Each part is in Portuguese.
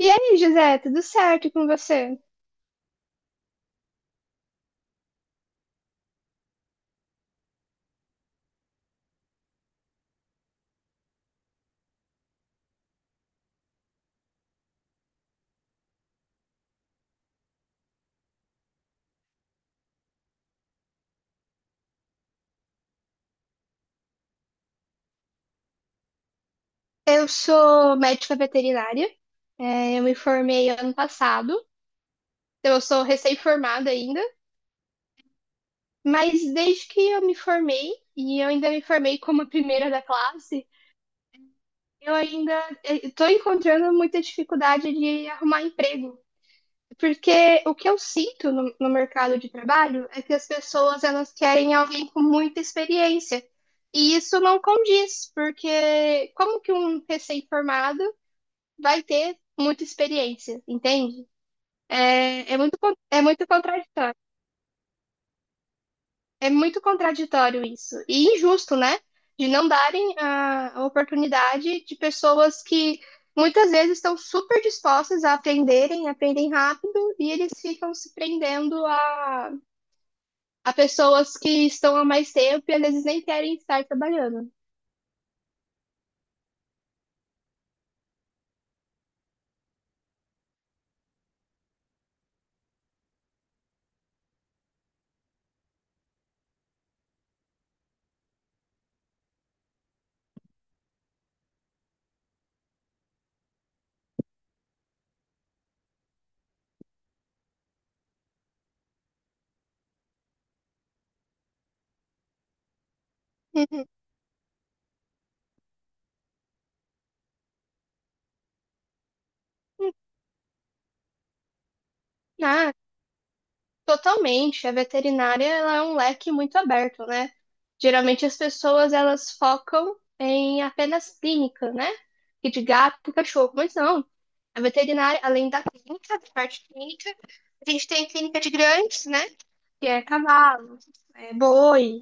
E aí, José, tudo certo com você? Eu sou médica veterinária, eu me formei ano passado, então eu sou recém-formada ainda, mas desde que eu me formei, e eu ainda me formei como a primeira da classe, eu ainda estou encontrando muita dificuldade de arrumar emprego, porque o que eu sinto no mercado de trabalho é que as pessoas elas querem alguém com muita experiência, e isso não condiz, porque como que um recém-formado vai ter muita experiência, entende? É muito contraditório. É muito contraditório isso. E injusto, né? De não darem a oportunidade de pessoas que muitas vezes estão super dispostas a aprenderem, aprendem rápido, e eles ficam se prendendo a pessoas que estão há mais tempo e às vezes nem querem estar trabalhando. Uhum. Ah, totalmente, a veterinária ela é um leque muito aberto, né? Geralmente as pessoas elas focam em apenas clínica, né? E de gato, cachorro, mas não. A veterinária, além da clínica, da parte clínica, a gente tem a clínica de grandes, né? Que é cavalo, é boi.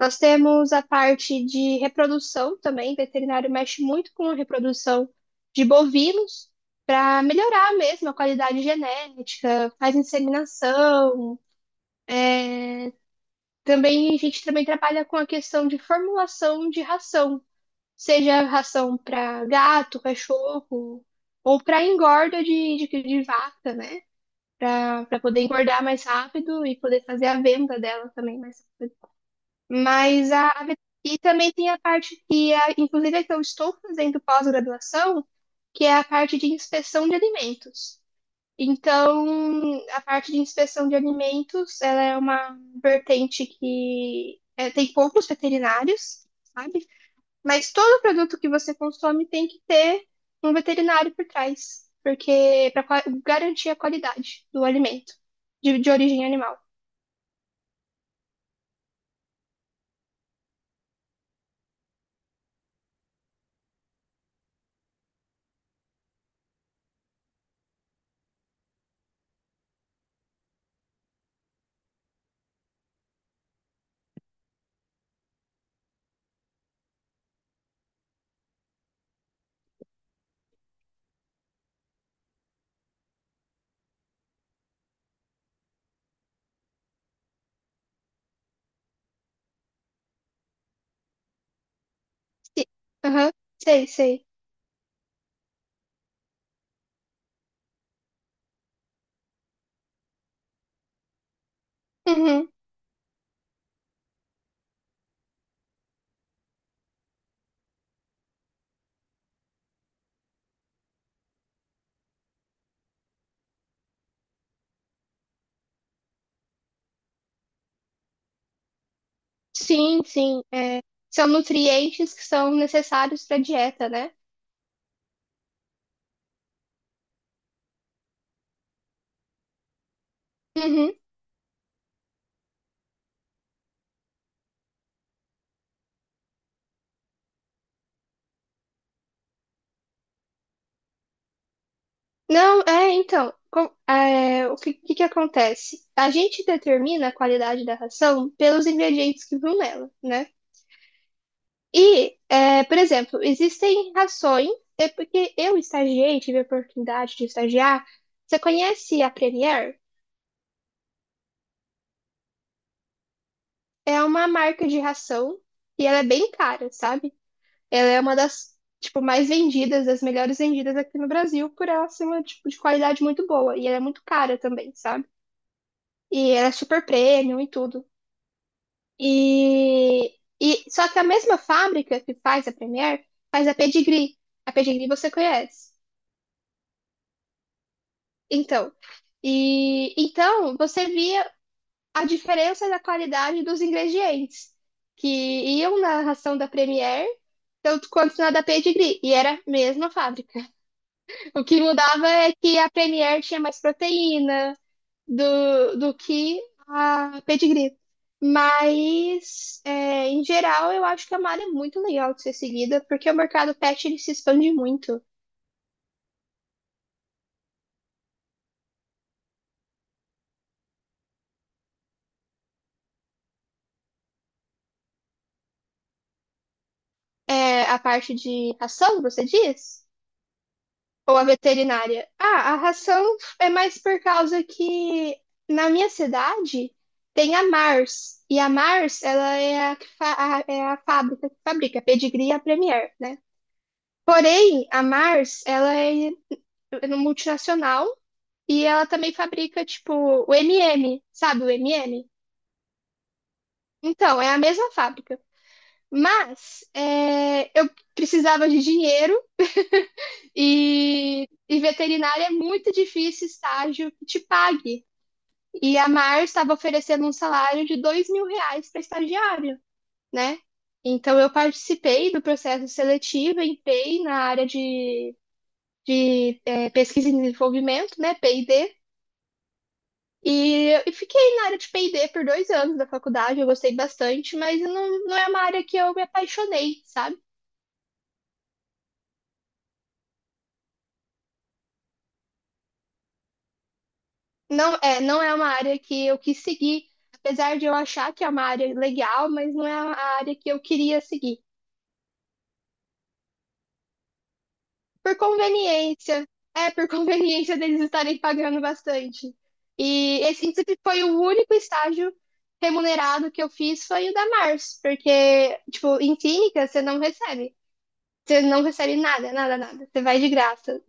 Nós temos a parte de reprodução também. Veterinário mexe muito com a reprodução de bovinos para melhorar mesmo a qualidade genética, faz inseminação. Também a gente também trabalha com a questão de formulação de ração, seja ração para gato, cachorro ou para engorda de vaca, né? Para poder engordar mais rápido e poder fazer a venda dela também mais. Mas a a vet- e também tem a parte que, a, inclusive, é que eu estou fazendo pós-graduação, que é a parte de inspeção de alimentos. Então, a parte de inspeção de alimentos, ela é uma vertente que é, tem poucos veterinários, sabe? Mas todo produto que você consome tem que ter um veterinário por trás, porque para garantir a qualidade do alimento de origem animal. Sim. Aham, sei, sei. Uhum. Sim, sim. É, são nutrientes que são necessários para a dieta, né? Uhum. Não, é, então, com- é, o que, que acontece? A gente determina a qualidade da ração pelos ingredientes que vão nela, né? Por exemplo, existem rações, é porque eu estagiei, tive a oportunidade de estagiar. Você conhece a Premier? É uma marca de ração e ela é bem cara, sabe? Ela é uma das, tipo, mais vendidas, das melhores vendidas aqui no Brasil, por ela ser uma, tipo, de qualidade muito boa. E ela é muito cara também, sabe? E ela é super premium e tudo. E só que a mesma fábrica que faz a Premier faz a Pedigree. A Pedigree você conhece. Então, e então você via a diferença da qualidade dos ingredientes que iam na ração da Premier, tanto quanto na da Pedigree, e era a mesma fábrica. O que mudava é que a Premier tinha mais proteína, do que a pedigree. Mas, é, em geral, eu acho que a uma é muito legal de ser seguida, porque o mercado pet ele se expande muito. É, a parte de ração, você diz? Ou a veterinária? Ah, a ração é mais por causa que na minha cidade tem a Mars. E a Mars, ela é a, que fa- a- é a fábrica que fabrica pedigree e a Premier, né? Porém, a Mars, ela é multinacional. E ela também fabrica, tipo, o MM, sabe o MM? Então, é a mesma fábrica. Mas é, eu precisava de dinheiro. E veterinária é muito difícil estágio que te pague. E a Mar estava oferecendo um salário de R$ 2.000 para estagiário, né? Então eu participei do processo seletivo em PEI na área de pesquisa e desenvolvimento, né? P&D, e fiquei na área de P&D por 2 anos da faculdade, eu gostei bastante, mas não é uma área que eu me apaixonei, sabe? Não é uma área que eu quis seguir, apesar de eu achar que é uma área legal, mas não é a área que eu queria seguir. Por conveniência, é, por conveniência deles estarem pagando bastante. E esse inclusive, foi o único estágio remunerado que eu fiz foi o da Mars, porque, tipo, em clínica você não recebe. Você não recebe nada, nada, nada. Você vai de graça.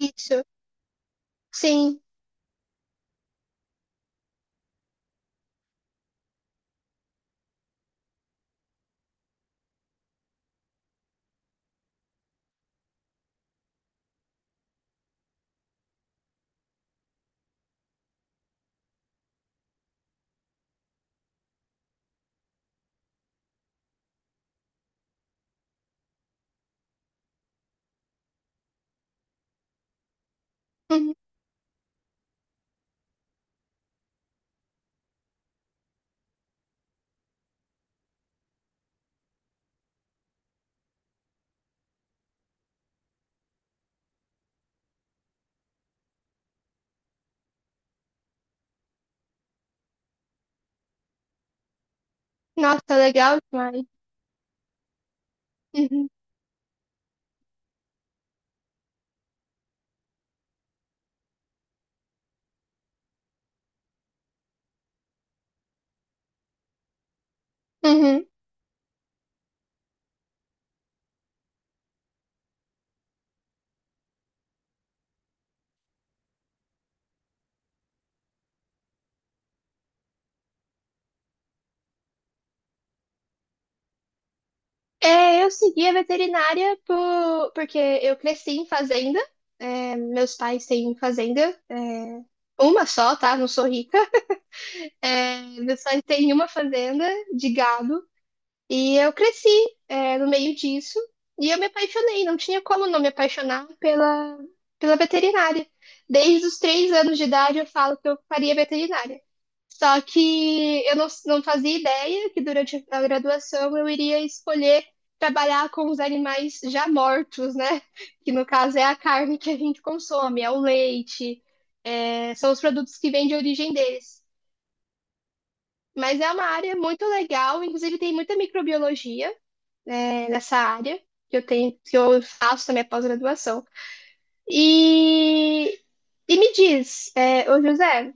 Isso, sim. Uhum. Nossa, tá legal demais. Uhum. Uhum. É, eu segui a veterinária por, porque eu cresci em fazenda. É, meus pais têm fazenda, é, uma só, tá? Não sou rica. É, meus pais têm uma fazenda de gado e eu cresci, é, no meio disso e eu me apaixonei. Não tinha como não me apaixonar pela, pela veterinária. Desde os 3 anos de idade eu falo que eu faria veterinária. Só que eu não fazia ideia que durante a graduação eu iria escolher trabalhar com os animais já mortos, né? Que no caso é a carne que a gente consome, é o leite, é, são os produtos que vêm de origem deles. Mas é uma área muito legal, inclusive tem muita microbiologia, né, nessa área que eu tenho, que eu faço também a pós-graduação. E, e me diz, é, ô José,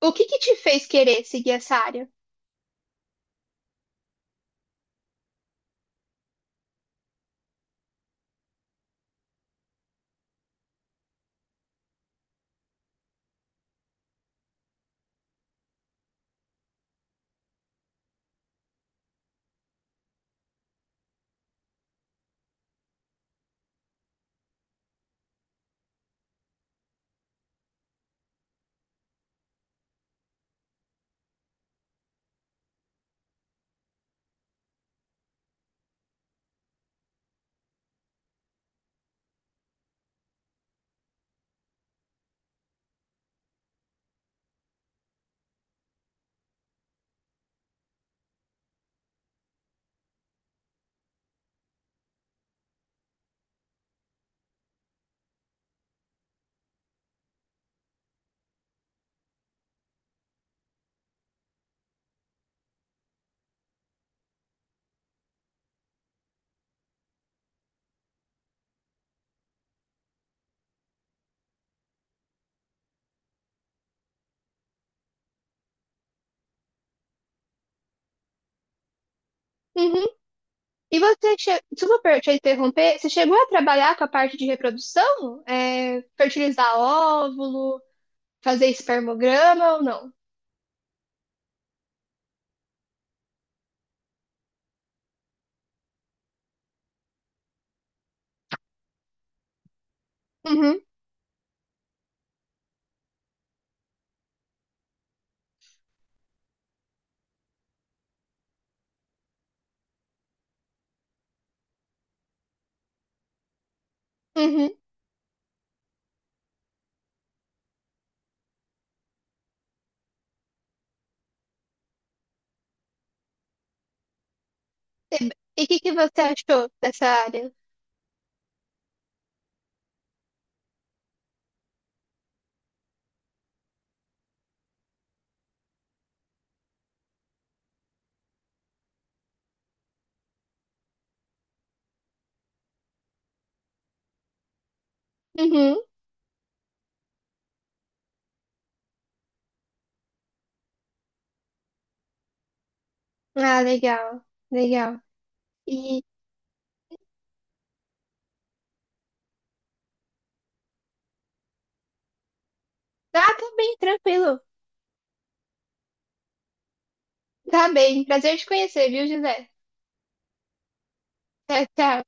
o que te fez querer seguir essa área? E você, che... desculpa per- te interromper, você chegou a trabalhar com a parte de reprodução? É, fertilizar óvulo, fazer espermograma ou não? Uhum, uhum. E o que você achou dessa área? Uhum. Ah, legal, legal. E ah, tá bem, tranquilo. Tá bem, prazer te conhecer, viu, José? Tchau, tchau.